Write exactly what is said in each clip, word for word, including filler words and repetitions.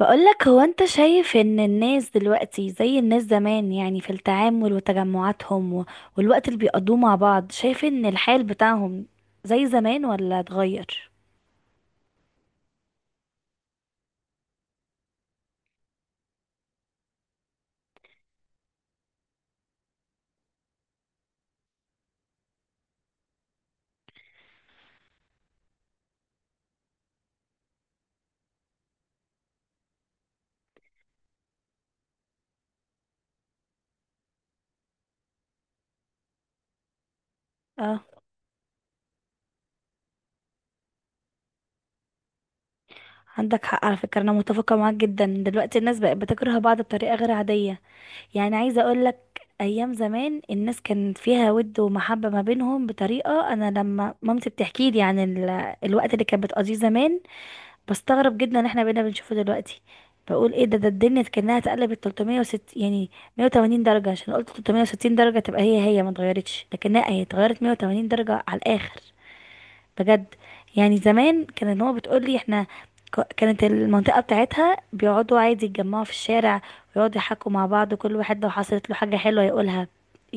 بقولك هو انت شايف ان الناس دلوقتي زي الناس زمان، يعني في التعامل وتجمعاتهم و- والوقت اللي بيقضوه مع بعض، شايف ان الحال بتاعهم زي زمان ولا اتغير؟ اه، عندك حق على فكرة، انا متفقة معاك جدا. دلوقتي الناس بقت بتكره بعض بطريقة غير عادية، يعني عايزة اقولك ايام زمان الناس كان فيها ود ومحبة ما بينهم بطريقة، انا لما مامتي بتحكي لي عن ال- الوقت اللي كانت بتقضيه زمان بستغرب جدا ان احنا بقينا بنشوفه دلوقتي. بقول ايه ده ده الدنيا كأنها اتقلبت ثلاثمية وستين، يعني مئة وثمانين درجة، عشان قلت ثلاثمية وستين درجة تبقى هي هي ما اتغيرتش، لكنها هي اتغيرت مية وتمانين درجة على الآخر بجد. يعني زمان كانت ماما بتقولي احنا ك- كانت المنطقة بتاعتها بيقعدوا عادي يتجمعوا في الشارع، ويقعدوا يحكوا مع بعض، كل واحد لو حصلت له حاجة حلوة يقولها.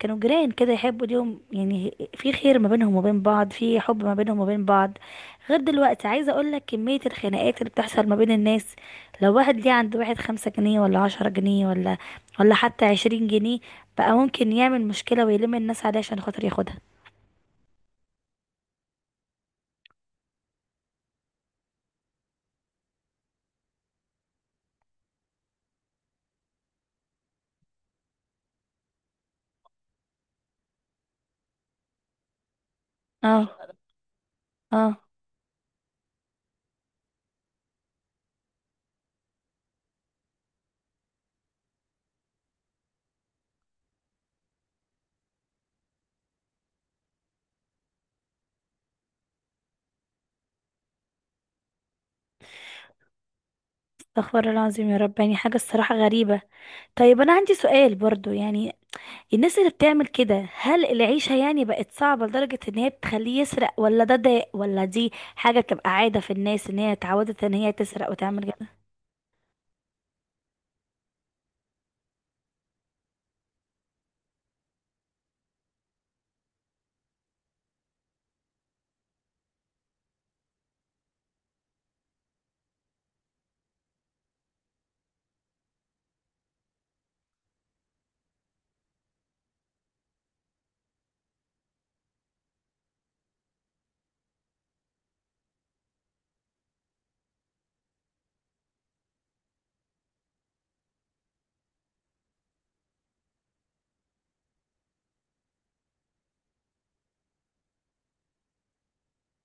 كانوا جيران كده، يحبوا ليهم، يعني في خير ما بينهم وبين بعض، في حب ما بينهم وبين بعض. غير دلوقتي، عايزة اقول لك كمية الخناقات اللي بتحصل ما بين الناس، لو واحد ليه عند واحد خمسة جنيه ولا عشرة جنيه، ولا ولا حتى عشرين جنيه، بقى ممكن يعمل مشكلة ويلم الناس عليه عشان خاطر ياخدها. اه. اه. استغفر الله العظيم، يا رب، يعني حاجة الصراحة غريبة. طيب أنا عندي سؤال برضو، يعني الناس اللي بتعمل كده هل العيشة يعني بقت صعبة لدرجة إن هي بتخليه يسرق، ولا ده ده ولا دي حاجة بتبقى عادة في الناس إن هي اتعودت إن هي تسرق وتعمل كده؟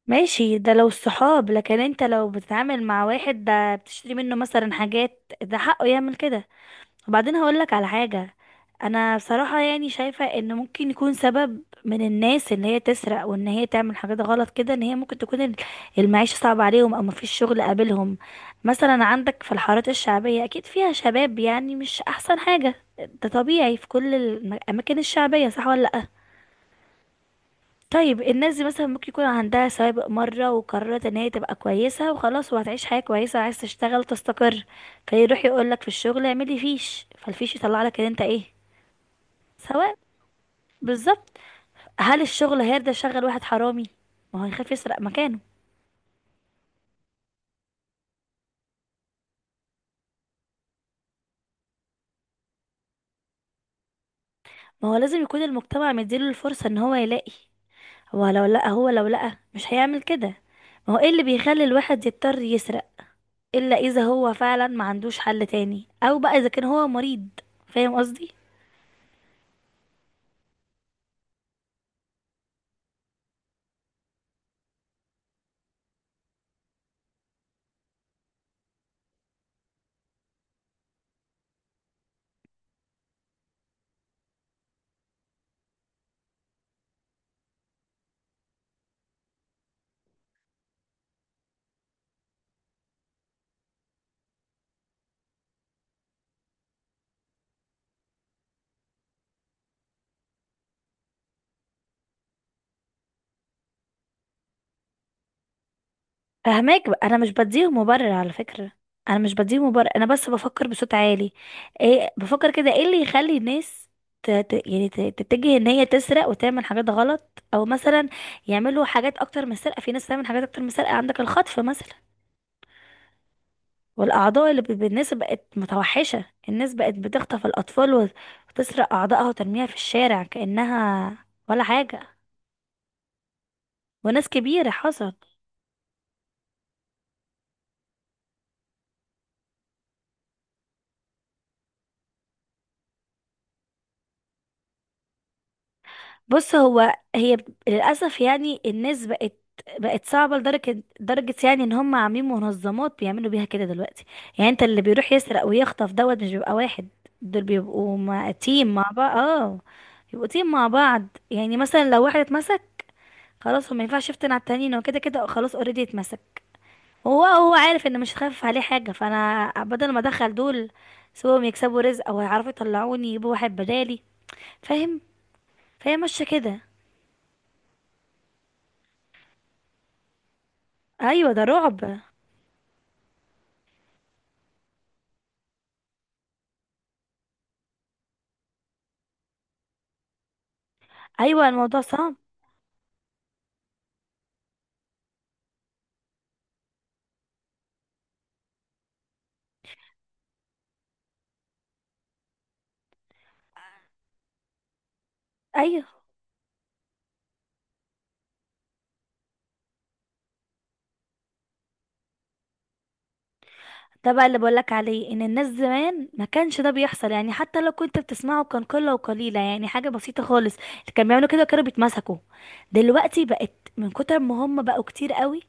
ماشي، ده لو الصحاب، لكن أنت لو بتتعامل مع واحد ده بتشتري منه مثلا حاجات ده حقه يعمل كده؟ وبعدين هقولك على حاجة. انا بصراحة يعني شايفة ان ممكن يكون سبب من الناس ان هي تسرق وان هي تعمل حاجات غلط كده، ان هي ممكن تكون ال- المعيشة صعبة عليهم او مفيش شغل قابلهم. مثلا عندك في الحارات الشعبية اكيد فيها شباب، يعني مش احسن حاجة، ده طبيعي في كل الاماكن الشعبية، صح ولا لأ؟ طيب الناس دي مثلا ممكن يكون عندها سوابق مرة، وقررت ان هي تبقى كويسة وخلاص، وهتعيش حياة كويسة، عايز تشتغل تستقر، فيروح يقولك في الشغل اعملي فيش، فالفيش يطلع لك ان انت ايه، سواء. بالظبط. هل الشغل هيرضى يشغل واحد حرامي؟ ما هو هيخاف يسرق مكانه. ما هو لازم يكون المجتمع مديله الفرصة ان هو يلاقي، هو لو لقى، هو لو لقى مش هيعمل كده. ما هو ايه اللي بيخلي الواحد يضطر يسرق، الا اذا هو فعلا ما عندوش حل تاني، او بقى اذا كان هو مريض. فاهم قصدي؟ فهماك بقى، انا مش بديهم مبرر على فكرة، انا مش بديهم مبرر، انا بس بفكر بصوت عالي ايه، بفكر كده ايه اللي يخلي الناس ت... ت... يعني ت... تتجه ان هي تسرق وتعمل حاجات غلط، او مثلا يعملوا حاجات اكتر من السرقة، في ناس تعمل حاجات اكتر من السرقة، عندك الخطف مثلا. والاعضاء اللي ب... ب- الناس بقت متوحشة، الناس بقت بتخطف الاطفال وت- وتسرق اعضائها وترميها في الشارع كأنها ولا حاجة. وناس كبيرة حصل. بص، هو هي بت- للأسف يعني الناس بقت بقت صعبة لدرجة درجة، يعني ان هم عاملين منظمات بيعملوا بيها كده دلوقتي. يعني انت اللي بيروح يسرق ويخطف دوت مش بيبقى واحد، دول بيبقوا مع تيم مع بعض. اه، بيبقوا تيم مع بعض. يعني مثلا لو واحد اتمسك، خلاص هو ما ينفعش يفتن على التانيين، هو كده كده خلاص اوريدي اتمسك، هو هو عارف ان مش هتخفف عليه حاجة، فانا بدل ما ادخل دول سواء يكسبوا رزق او يعرفوا يطلعوني، يجيبوا واحد بدالي. فاهم؟ فهي ماشية كده. ايوه، ده رعب. ايوه، الموضوع صعب. ايوه، ده بقى اللي بقولك عليه، ان الناس زمان ما كانش ده بيحصل، يعني حتى لو كنت بتسمعه كان قله وقليله، يعني حاجه بسيطه خالص اللي كانوا بيعملوا كده كانوا بيتمسكوا. دلوقتي بقت من كتر ما هم بقوا كتير قوي،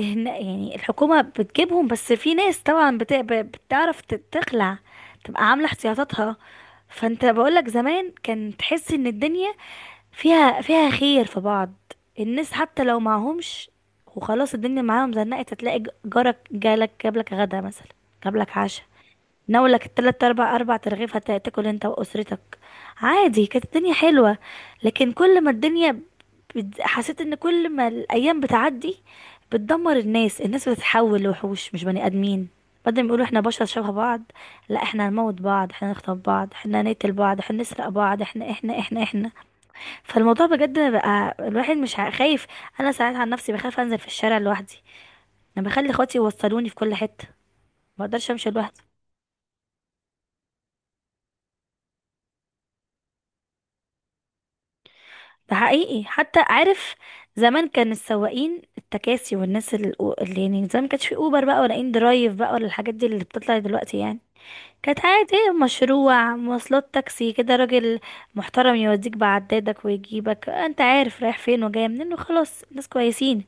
إن- يعني الحكومه بتجيبهم، بس في ناس طبعا بت- ب- بتعرف ت- تخلع، تبقى عامله احتياطاتها. فانت بقولك زمان كان تحس ان الدنيا فيها فيها خير في بعض، الناس حتى لو معهمش وخلاص الدنيا معاهم زنقت هتلاقي ج- جارك جالك جابلك غدا مثلا، جابلك عشاء، ناولك التلات اربع، اربع ترغيف هت- هتاكل انت واسرتك عادي. كانت الدنيا حلوة. لكن كل ما الدنيا بت- حسيت ان كل ما الايام بتعدي بتدمر الناس، الناس بتتحول لوحوش مش بني ادمين. بدل ما يقولوا احنا بشر شبه بعض، لا احنا هنموت بعض، احنا نخطف بعض، احنا نقتل بعض، احنا نسرق بعض، احنا احنا احنا احنا. فالموضوع بجد بقى الواحد مش ع- خايف. انا ساعات عن نفسي بخاف انزل في الشارع لوحدي، انا بخلي اخواتي يوصلوني في كل حته، ما بقدرش امشي لوحدي. ده حقيقي حتى، عارف زمان كان السواقين التكاسي والناس ال- اللي يعني زمان ما كانش في اوبر بقى ولا ان درايف بقى ولا الحاجات دي اللي بتطلع دلوقتي، يعني كانت عادي، مشروع مواصلات تاكسي كده، راجل محترم يوديك بعدادك ويجيبك، انت عارف رايح فين وجاي منين، وخلاص ناس كويسين.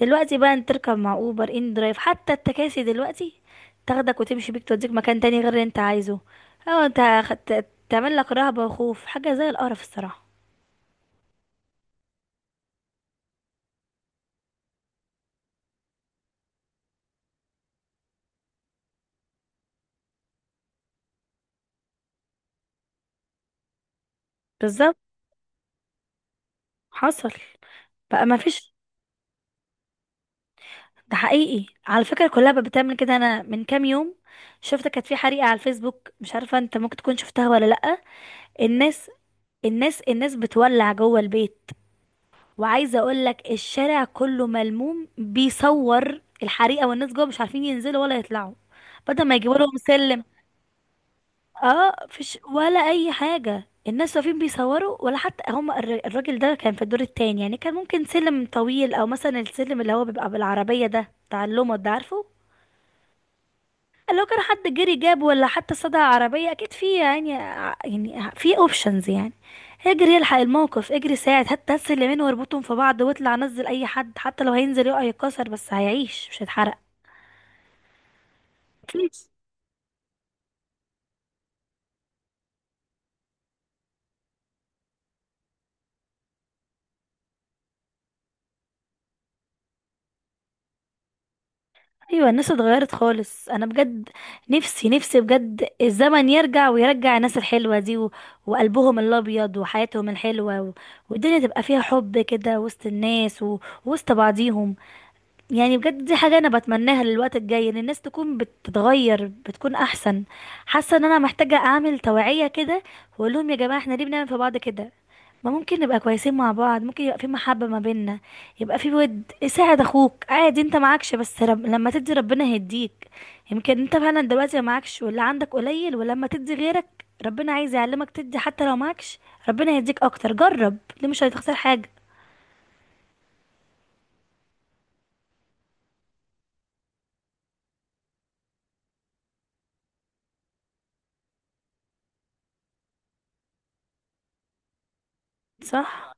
دلوقتي بقى انت تركب مع اوبر ان درايف، حتى التكاسي دلوقتي تاخدك وتمشي بيك توديك مكان تاني غير اللي انت عايزه، او انت خدت- تعمل لك رهبة وخوف، حاجة زي القرف الصراحة. بالظبط. حصل، بقى ما فيش. ده حقيقي على فكرة، كلها بقى بتعمل كده. انا من كام يوم شفت كانت في حريقة على الفيسبوك، مش عارفة انت ممكن تكون شفتها ولا لأ. الناس الناس الناس بتولع جوه البيت، وعايزه اقول لك الشارع كله ملموم بيصور الحريقه، والناس جوه مش عارفين ينزلوا ولا يطلعوا، بدل ما يجيبوا لهم سلم. اه، فيش ولا اي حاجه، الناس واقفين بيصوروا، ولا حتى هم الر- الراجل ده كان في الدور التاني، يعني كان ممكن سلم طويل، او مثلا السلم اللي هو بيبقى بالعربيه ده بتاع اللومو ده، عارفه؟ لو كان حد جري جاب، ولا حتى صدع عربية اكيد في، يعني ع- يعني في اوبشنز يعني، اجري الحق الموقف، اجري ساعد، حتى هسه اليمين واربطهم في بعض واطلع نزل اي حد، حتى لو هينزل يقع يتكسر بس هيعيش مش هيتحرق. أكيد. ايوه، الناس اتغيرت خالص انا بجد. نفسي نفسي بجد الزمن يرجع، ويرجع الناس الحلوه دي، و... وقلبهم الابيض، وحياتهم الحلوه، و... والدنيا تبقى فيها حب كده وسط الناس، و... وسط بعضيهم. يعني بجد دي حاجة أنا بتمناها للوقت الجاي، إن الناس تكون بتتغير، بتكون أحسن. حاسة إن أنا محتاجة أعمل توعية كده، وأقول لهم يا جماعة إحنا ليه بنعمل في بعض كده؟ ما ممكن نبقى كويسين مع بعض، ممكن يبقى في محبة ما بيننا، يبقى في ود. ساعد أخوك عادي، أنت معكش، بس رب... لما تدي ربنا هيديك. يمكن أنت فعلا دلوقتي ما معكش واللي عندك قليل، ولما تدي غيرك ربنا عايز يعلمك تدي حتى لو معكش، ربنا هيديك أكتر. جرب، ليه مش هتخسر حاجة. صح؟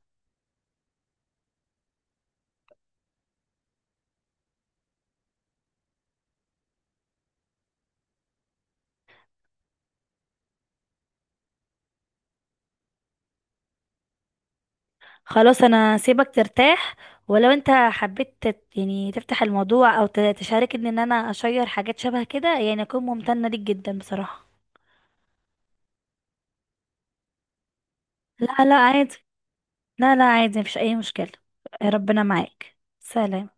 خلاص انا سيبك ترتاح، ولو انت حبيت تت يعني تفتح الموضوع، او ت- تشاركني ان انا اشير حاجات شبه كده، يعني اكون ممتنة ليك جدا بصراحة. لا لا عادي. لا لا عادي مفيش اي مشكلة. ربنا معاك. سلام.